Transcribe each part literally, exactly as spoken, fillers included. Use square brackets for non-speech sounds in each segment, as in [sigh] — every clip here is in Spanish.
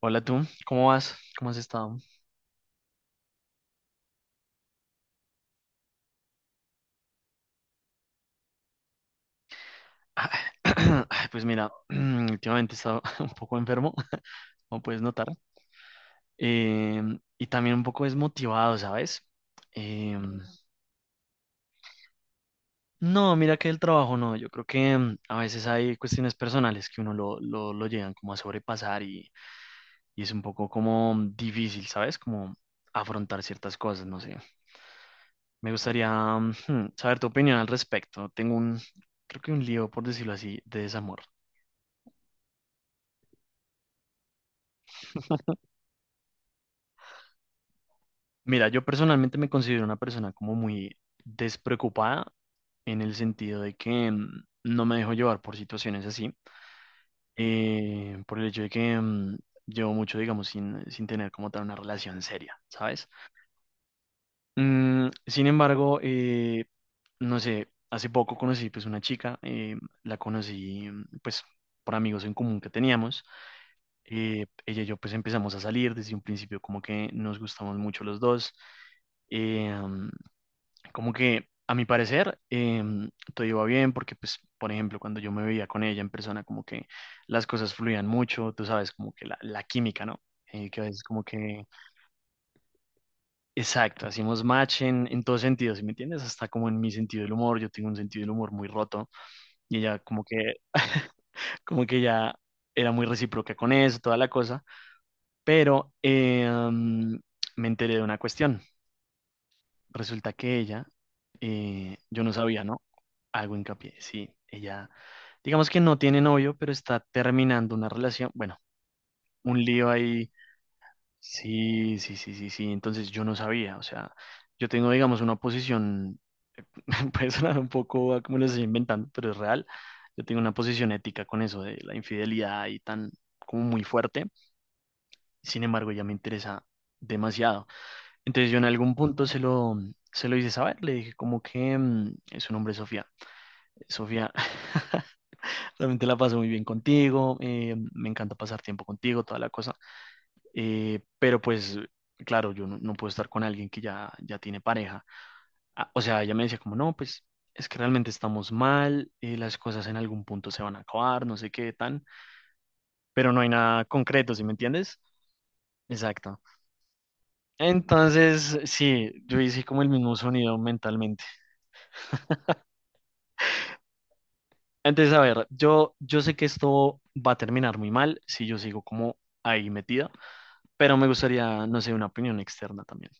Hola tú, ¿cómo vas? ¿Cómo has estado? Ah, [clears throat] ay, pues mira, [clears throat] últimamente he estado [laughs] un poco enfermo, [laughs] como puedes notar, em, y también un poco desmotivado, ¿sabes? Em, No, mira que el trabajo no, yo creo que mm, a veces hay cuestiones personales que uno lo, lo, lo llegan como a sobrepasar, y, y es un poco como mm, difícil, ¿sabes? Como afrontar ciertas cosas, no sé. Me gustaría mm, [laughs] hmm, saber tu opinión al respecto. Tengo un, creo que un lío, por decirlo así, de desamor. [laughs] Mira, yo personalmente me considero una persona como muy despreocupada, en el sentido de que mm, no me dejo llevar por situaciones así. eh, por el hecho de que mm, llevo mucho, digamos, sin, sin tener como tal una relación seria, ¿sabes? Mm, sin embargo, eh, no sé, hace poco conocí, pues, una chica. Eh, la conocí, mm, pues, por amigos en común que teníamos. Eh, ella y yo, pues, empezamos a salir. Desde un principio como que nos gustamos mucho los dos. eh, mm, Como que a mi parecer, em, todo iba bien porque, pues, por ejemplo, cuando yo me veía con ella en persona, como que las cosas fluían mucho, tú sabes, como que la, la química, ¿no? Eh, que a veces como que, exacto, hacíamos match en, en todos sentidos. ¿Sí me entiendes? Hasta como en mi sentido del humor. Yo tengo un sentido del humor muy roto, y ella como que [laughs] como que ya era muy recíproca con eso, toda la cosa. Pero em, me enteré de una cuestión. Resulta que ella, eh, yo no sabía, ¿no? Hago hincapié. Sí, ella, digamos, que no tiene novio, pero está terminando una relación. Bueno, un lío ahí. Sí, sí, sí, sí, sí, entonces yo no sabía. O sea, yo tengo, digamos, una posición. [laughs] Puede sonar un poco a como lo estoy inventando, pero es real. Yo tengo una posición ética con eso de la infidelidad y tan, como muy fuerte. Sin embargo, ella me interesa demasiado. Entonces yo en algún punto se lo, se lo hice saber. Le dije como que mm, su nombre es Sofía, Sofía. [laughs] También te la paso muy bien contigo. Eh, me encanta pasar tiempo contigo, toda la cosa. Eh, pero, pues, claro, yo no, no puedo estar con alguien que ya, ya tiene pareja. Ah, o sea, ella me decía como, no, pues es que realmente estamos mal. Eh, las cosas en algún punto se van a acabar, no sé qué tan, pero no hay nada concreto. ¿Sí me entiendes? Exacto. Entonces, sí, yo hice como el mismo sonido mentalmente. Entonces, a ver, yo, yo sé que esto va a terminar muy mal si yo sigo como ahí metida. Pero me gustaría, no sé, una opinión externa también.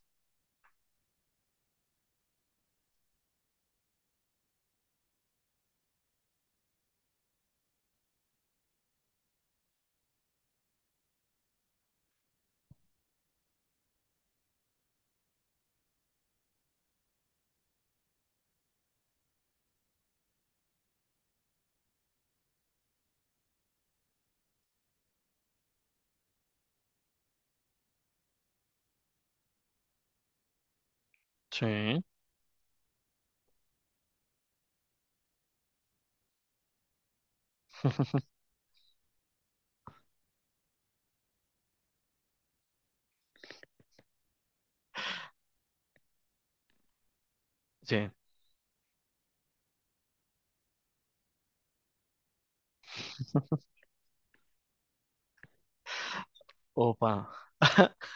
Sí. [laughs] Sí. Opa. [laughs]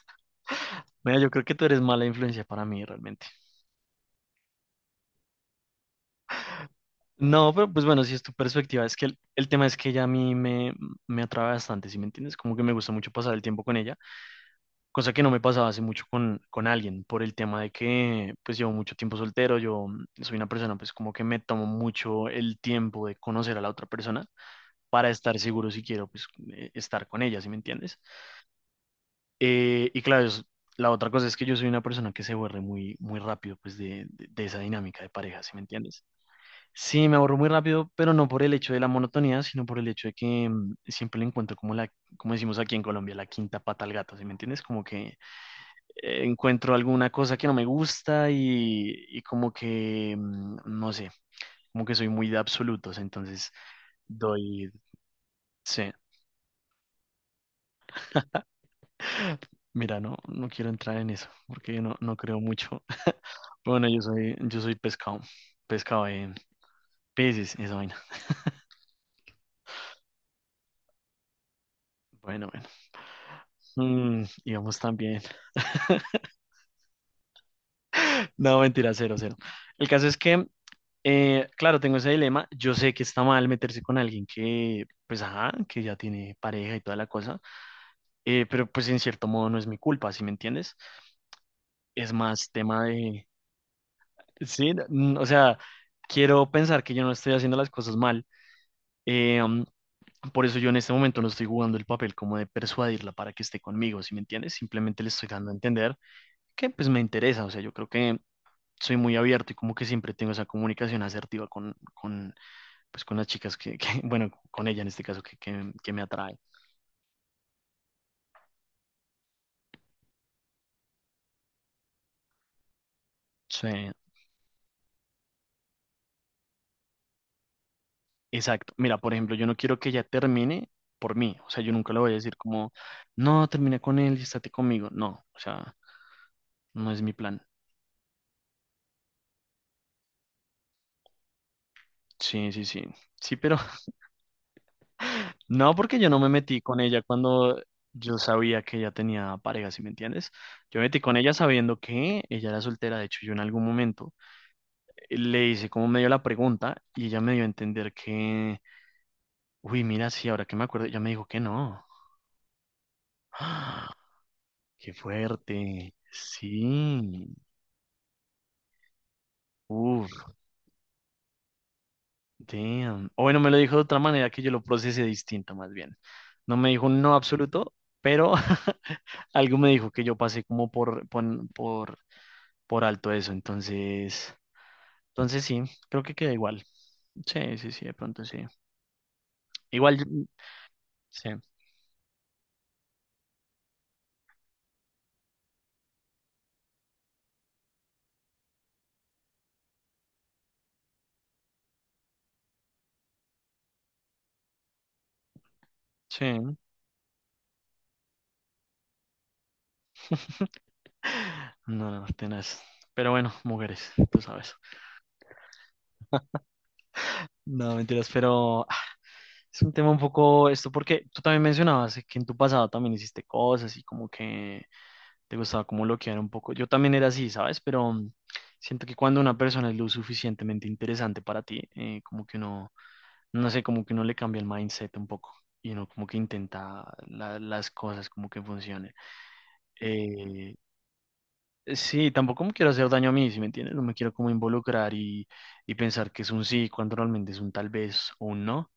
Mira, yo creo que tú eres mala influencia para mí realmente. No, pero pues bueno, si es tu perspectiva, es que el, el tema es que ella a mí me, me atrae bastante. ¿Sí me entiendes? Como que me gusta mucho pasar el tiempo con ella, cosa que no me pasaba hace mucho con, con alguien, por el tema de que, pues, llevo mucho tiempo soltero. Yo mm, soy una persona, pues, como que me tomo mucho el tiempo de conocer a la otra persona para estar seguro si quiero, pues, eh, estar con ella. ¿Sí me entiendes? Eh, y claro, es- la otra cosa es que yo soy una persona que se aburre muy, muy rápido, pues, de, de- de esa dinámica de pareja. ¿Sí me entiendes? Sí, me aburro muy rápido, pero no por el hecho de la monotonía, sino por el hecho de que mm, siempre le encuentro como la, como decimos aquí en Colombia, la quinta pata al gato. ¿Sí me entiendes? Como que eh, encuentro alguna cosa que no me gusta, y, y como que mm, no sé, como que soy muy de absolutos, entonces doy, sí, mira, no, no, quiero entrar en eso, porque no, no creo mucho. Bueno, yo soy, yo soy pescado, pescado de peces, esa vaina. Bueno, bueno, Mm, íbamos tan bien. [laughs] No, mentira, cero, cero. El caso es que, eh, claro, tengo ese dilema. Yo sé que está mal meterse con alguien que, pues, ajá, que ya tiene pareja y toda la cosa, eh, pero pues en cierto modo no es mi culpa. ¿Sí me entiendes? Es más tema de, sí, mm, o sea, quiero pensar que yo no estoy haciendo las cosas mal. eh, mm, Por eso yo en este momento no estoy jugando el papel como de persuadirla para que esté conmigo. ¿Sí me entiendes? Simplemente le estoy dando a entender que pues me interesa. O sea, yo creo que soy muy abierto y como que siempre tengo esa comunicación asertiva con, con pues con las chicas que, que- [laughs] bueno, con ella en este caso que, que, que me atrae. Sí, exacto. Mira, por ejemplo, yo no quiero que ella termine por mí. O sea, yo nunca le voy a decir como, no, termina con él y estate conmigo. No, o sea, no es mi plan. Sí, sí, sí, sí, pero. No, porque yo no me metí con ella cuando yo sabía que ella tenía pareja, ¿si me entiendes? Yo me metí con ella sabiendo que ella era soltera. De hecho, yo en algún momento eh, le hice como medio la pregunta y ella me dio a entender que, uy, mira, sí, ahora que me acuerdo, ella me dijo que no. ¡Ah! ¡Qué fuerte! Sí. Uf, damn. O bueno, me lo dijo de otra manera que yo lo procesé distinta, más bien. No me dijo un no absoluto, pero [laughs] algo me dijo que yo pasé como por, por, por por alto eso. Entonces, entonces sí, creo que queda igual. Sí, sí, sí, de pronto sí. Igual, yo- sí, sí. [laughs] No, no, tenaz. Pero bueno, mujeres, tú sabes. No, mentiras, pero ah, es un tema un poco esto porque tú también mencionabas que en tu pasado también hiciste cosas y como que te gustaba como bloquear un poco. Yo también era así, ¿sabes? Pero mm, siento que cuando una persona es lo suficientemente interesante para ti, eh, como que uno no sé, como que uno le cambia el mindset un poco y uno como que intenta la- las cosas como que funcionen. Eh, sí, tampoco me quiero hacer daño a mí, ¿si me entiendes? No me quiero como involucrar, y, y pensar que es un sí cuando realmente es un tal vez o un no.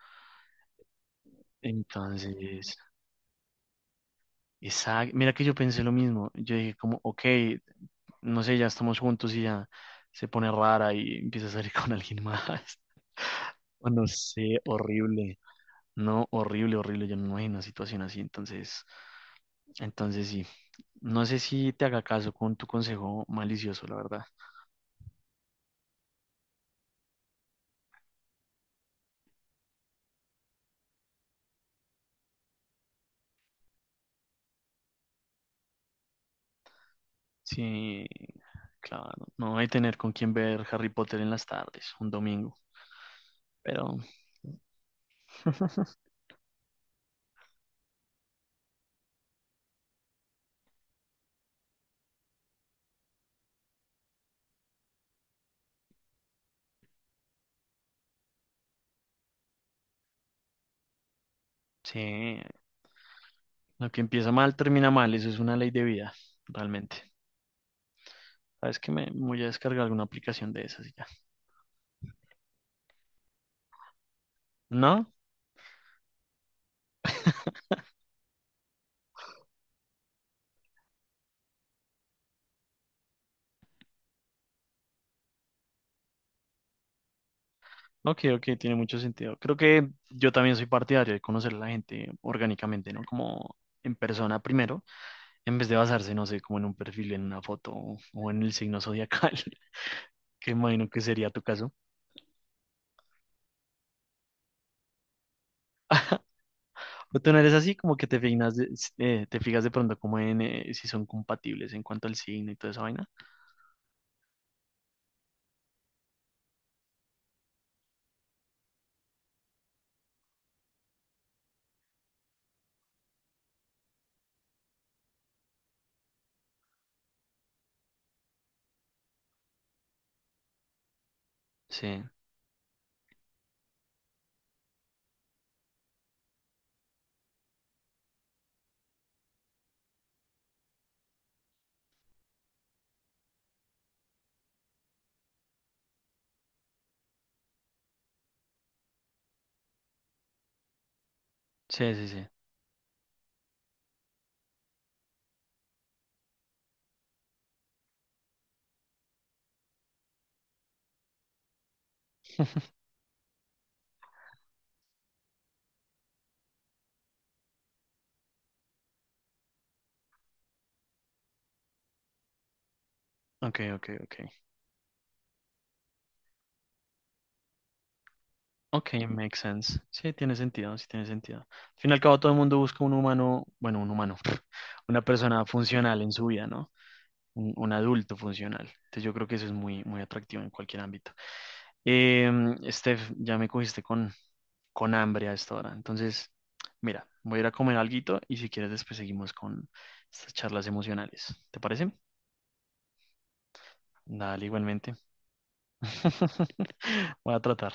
Entonces, esa, mira que yo pensé lo mismo. Yo dije como, ok, no sé, ya estamos juntos y ya se pone rara y empieza a salir [laughs] con alguien más. [laughs] O no sé, horrible. No, horrible, horrible. Yo no me imagino una situación así. Entonces... Entonces sí, no sé si te haga caso con tu consejo malicioso, la verdad. Sí, claro, no hay tener con quién ver Harry Potter en las tardes, un domingo, pero [laughs] sí, lo que empieza mal termina mal, eso es una ley de vida, realmente. Sabes que me voy a descargar alguna aplicación de esas y ya. ¿No? [laughs] Ok, ok, tiene mucho sentido. Creo que yo también soy partidario de conocer a la gente orgánicamente, ¿no? Como en persona primero, en vez de basarse, no sé, como en un perfil, en una foto o o en el signo zodiacal, [laughs] que imagino que sería tu caso. O tú no eres así, como que te fijas de, eh, te fijas de pronto como en eh, si son compatibles en cuanto al signo y toda esa vaina. Sí, sí, sí, sí. Ok, ok, ok. Ok, makes sense. Sí, tiene sentido, sí tiene sentido. Al fin y al cabo, todo el mundo busca un humano, bueno, un humano, [laughs] una persona funcional en su vida, ¿no? Un, un adulto funcional. Entonces yo creo que eso es muy, muy atractivo en cualquier ámbito. Em, Steph, ya me cogiste con, con hambre a esta hora. Entonces, mira, voy a ir a comer alguito y si quieres después seguimos con estas charlas emocionales. ¿Te parece? Dale, igualmente. [laughs] Voy a tratar.